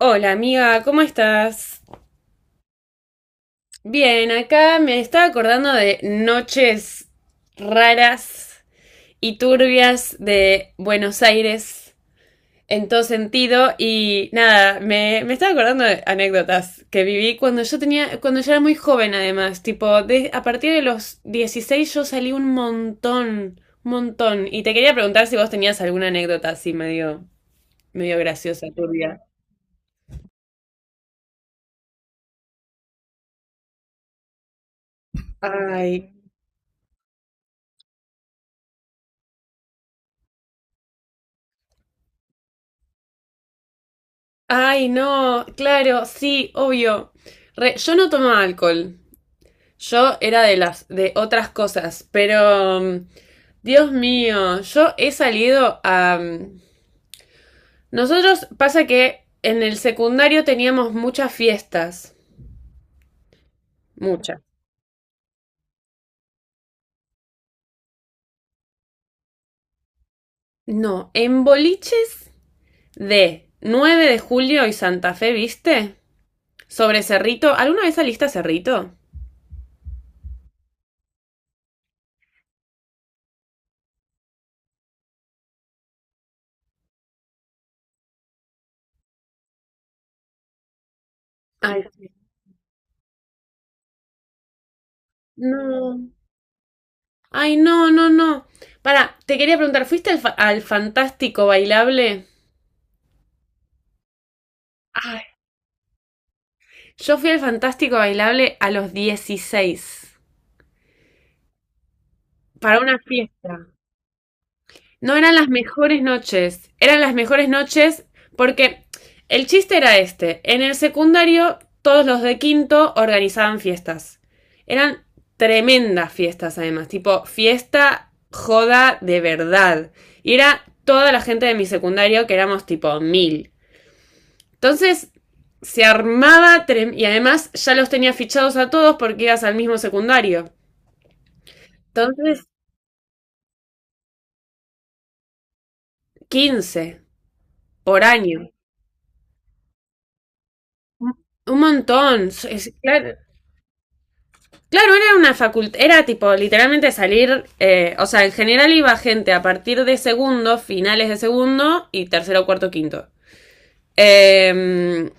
Hola amiga, ¿cómo estás? Bien, acá me estaba acordando de noches raras y turbias de Buenos Aires en todo sentido. Y nada, me estaba acordando de anécdotas que viví cuando yo tenía, cuando yo era muy joven además, tipo, a partir de los 16 yo salí un montón, un montón. Y te quería preguntar si vos tenías alguna anécdota así medio, medio graciosa, turbia. Ay. Ay, no, claro, sí, obvio. Yo no tomaba alcohol. Yo era de las, de otras cosas, pero Dios mío, yo he salido a... Nosotros pasa que en el secundario teníamos muchas fiestas. Muchas. No, en boliches de 9 de julio y Santa Fe, ¿viste? Sobre Cerrito. ¿Alguna vez saliste a Cerrito? Ay, sí. No. Ay, no, no, no. Para, te quería preguntar, ¿fuiste al, al Fantástico Bailable? Ay. Yo fui al Fantástico Bailable a los 16 para una fiesta. No eran las mejores noches, eran las mejores noches porque el chiste era este. En el secundario, todos los de quinto organizaban fiestas. Eran tremendas fiestas además, tipo fiesta joda de verdad. Y era toda la gente de mi secundario, que éramos tipo mil. Entonces se armaba, y además ya los tenía fichados a todos porque ibas al mismo secundario. Entonces, 15 por año. Un montón. Claro, claro, era una facultad, era tipo literalmente salir, o sea, en general iba gente a partir de segundo, finales de segundo y tercero, cuarto, quinto. Em,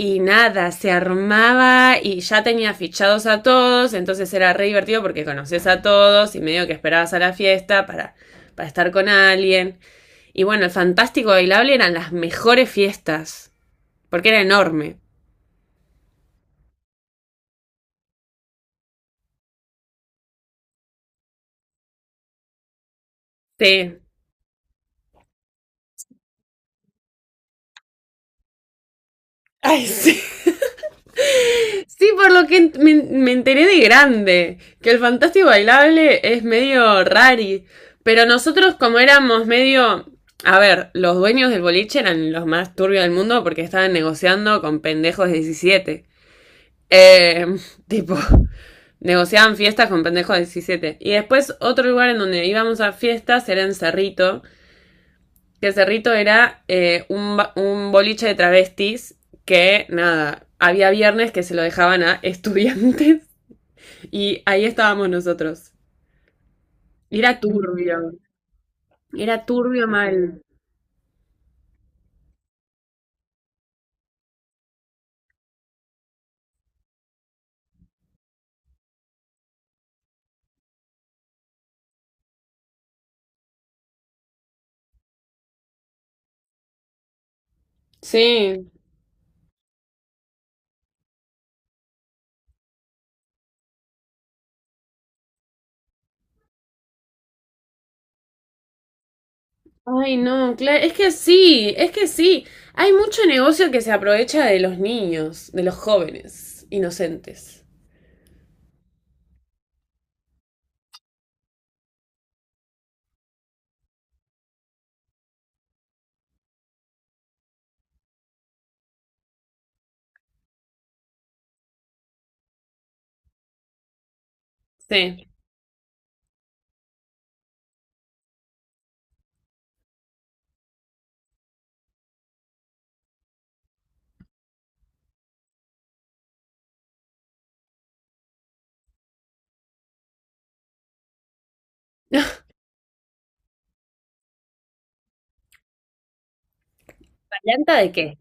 Y nada, se armaba y ya tenía fichados a todos, entonces era re divertido porque conoces a todos y medio que esperabas a la fiesta para estar con alguien. Y bueno, el Fantástico Bailable eran las mejores fiestas, porque era enorme. Sí. Ay, sí. Sí, por lo que me enteré de grande, que el fantástico bailable es medio rari, pero nosotros como éramos medio... A ver, los dueños del boliche eran los más turbios del mundo porque estaban negociando con pendejos de diecisiete. Eh, Tipo, negociaban fiestas con pendejos de 17. Y después otro lugar en donde íbamos a fiestas era en Cerrito, que Cerrito era un, un boliche de travestis que, nada, había viernes que se lo dejaban a estudiantes y ahí estábamos nosotros. Era turbio. Era turbio mal. Sí. Ay, no, claro. Es que sí, es que sí. Hay mucho negocio que se aprovecha de los niños, de los jóvenes, inocentes. Sí. ¿Varianta de qué?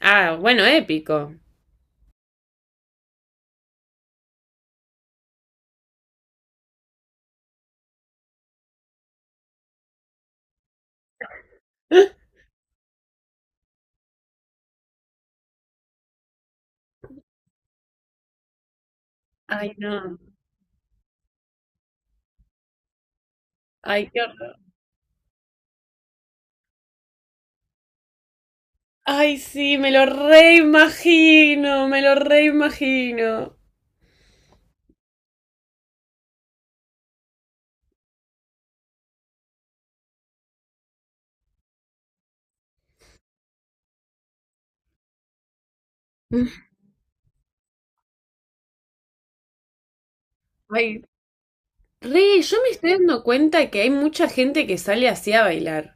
Ah, bueno, épico. Ay, no. Ay, qué horror. Ay, sí, me lo reimagino, me lo reimagino. Ay, re, yo me estoy dando cuenta que hay mucha gente que sale así a bailar.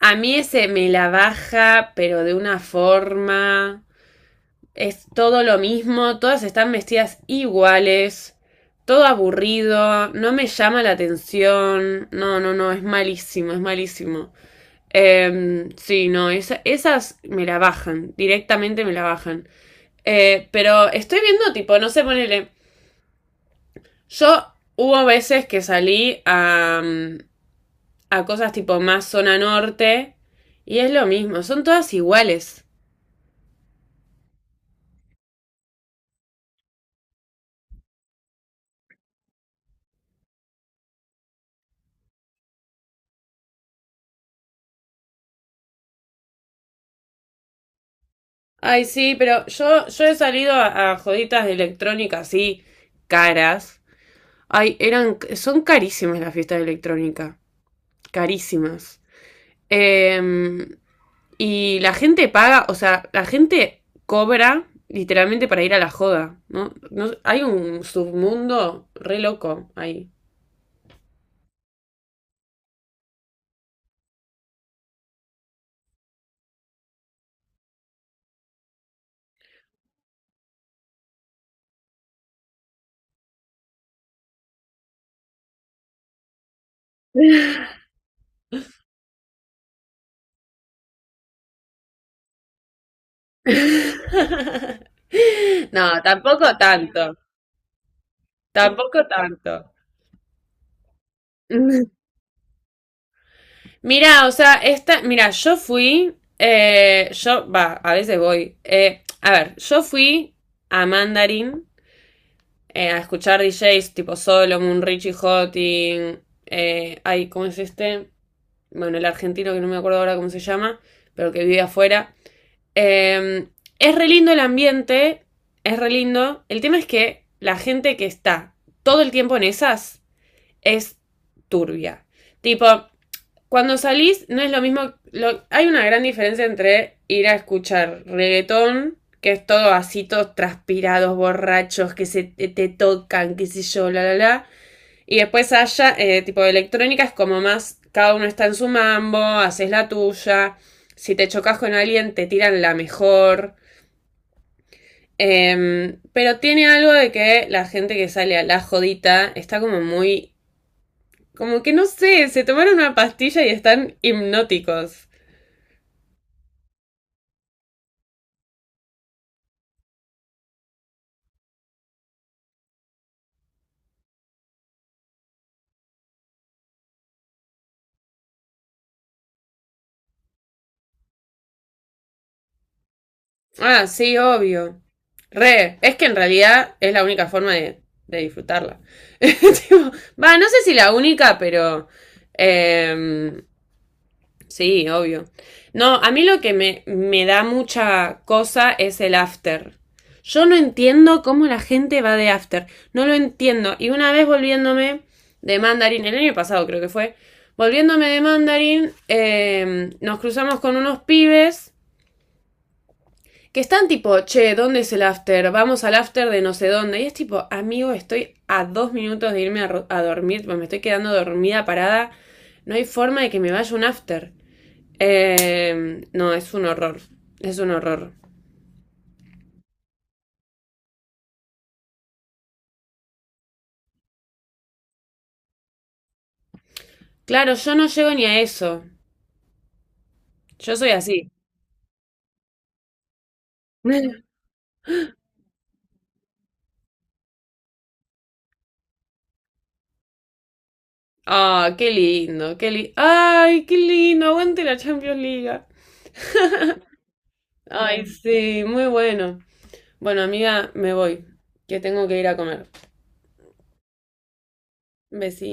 A mí ese me la baja, pero de una forma. Es todo lo mismo, todas están vestidas iguales, todo aburrido, no me llama la atención. No, no, no, es malísimo, es malísimo. Sí, no, esas me la bajan, directamente me la bajan. Pero estoy viendo, tipo, no sé, ponele. Yo hubo veces que salí a, a cosas tipo más zona norte y es lo mismo, son todas iguales. Ay, sí, pero yo he salido a joditas de electrónica así, caras. Ay, eran, son carísimas las fiestas de electrónica. Carísimas. Em, y la gente paga, o sea, la gente cobra literalmente para ir a la joda, ¿no? Hay un submundo re loco ahí. No, tampoco tanto. Tampoco tanto. Mira, o sea, esta, mira, yo fui, yo, va, a veces voy, a ver, yo fui a Mandarin, a escuchar DJs tipo Solomon, Richie Hotting, ay, ¿cómo es este? Bueno, el argentino que no me acuerdo ahora cómo se llama, pero que vive afuera. Eh, es re lindo el ambiente, es re lindo. El tema es que la gente que está todo el tiempo en esas es turbia. Tipo, cuando salís no es lo mismo, hay una gran diferencia entre ir a escuchar reggaetón, que es todo así, todos transpirados, borrachos, que se te tocan, qué sé yo, la, la, la. Y después haya, tipo de electrónica, es como más, cada uno está en su mambo, haces la tuya, si te chocas con alguien te tiran la mejor. Pero tiene algo de que la gente que sale a la jodita está como muy, como que no sé, se tomaron una pastilla y están hipnóticos. Ah, sí, obvio. Re, es que en realidad es la única forma de disfrutarla. Tipo, va, no sé si la única, pero em, sí, obvio. No, a mí lo que me da mucha cosa es el after. Yo no entiendo cómo la gente va de after. No lo entiendo. Y una vez volviéndome de Mandarin, el año pasado creo que fue, volviéndome de Mandarin, nos cruzamos con unos pibes que están tipo, che, ¿dónde es el after? Vamos al after de no sé dónde. Y es tipo, amigo, estoy a dos minutos de irme a dormir, pues me estoy quedando dormida, parada. No hay forma de que me vaya un after. No, es un horror. Es un horror. Claro, yo no llego ni a eso. Yo soy así. Ah, qué lindo, qué lindo. Ay, qué lindo, aguante la Champions League. Ay, sí, muy bueno. Bueno, amiga, me voy, que tengo que ir a comer. Besí.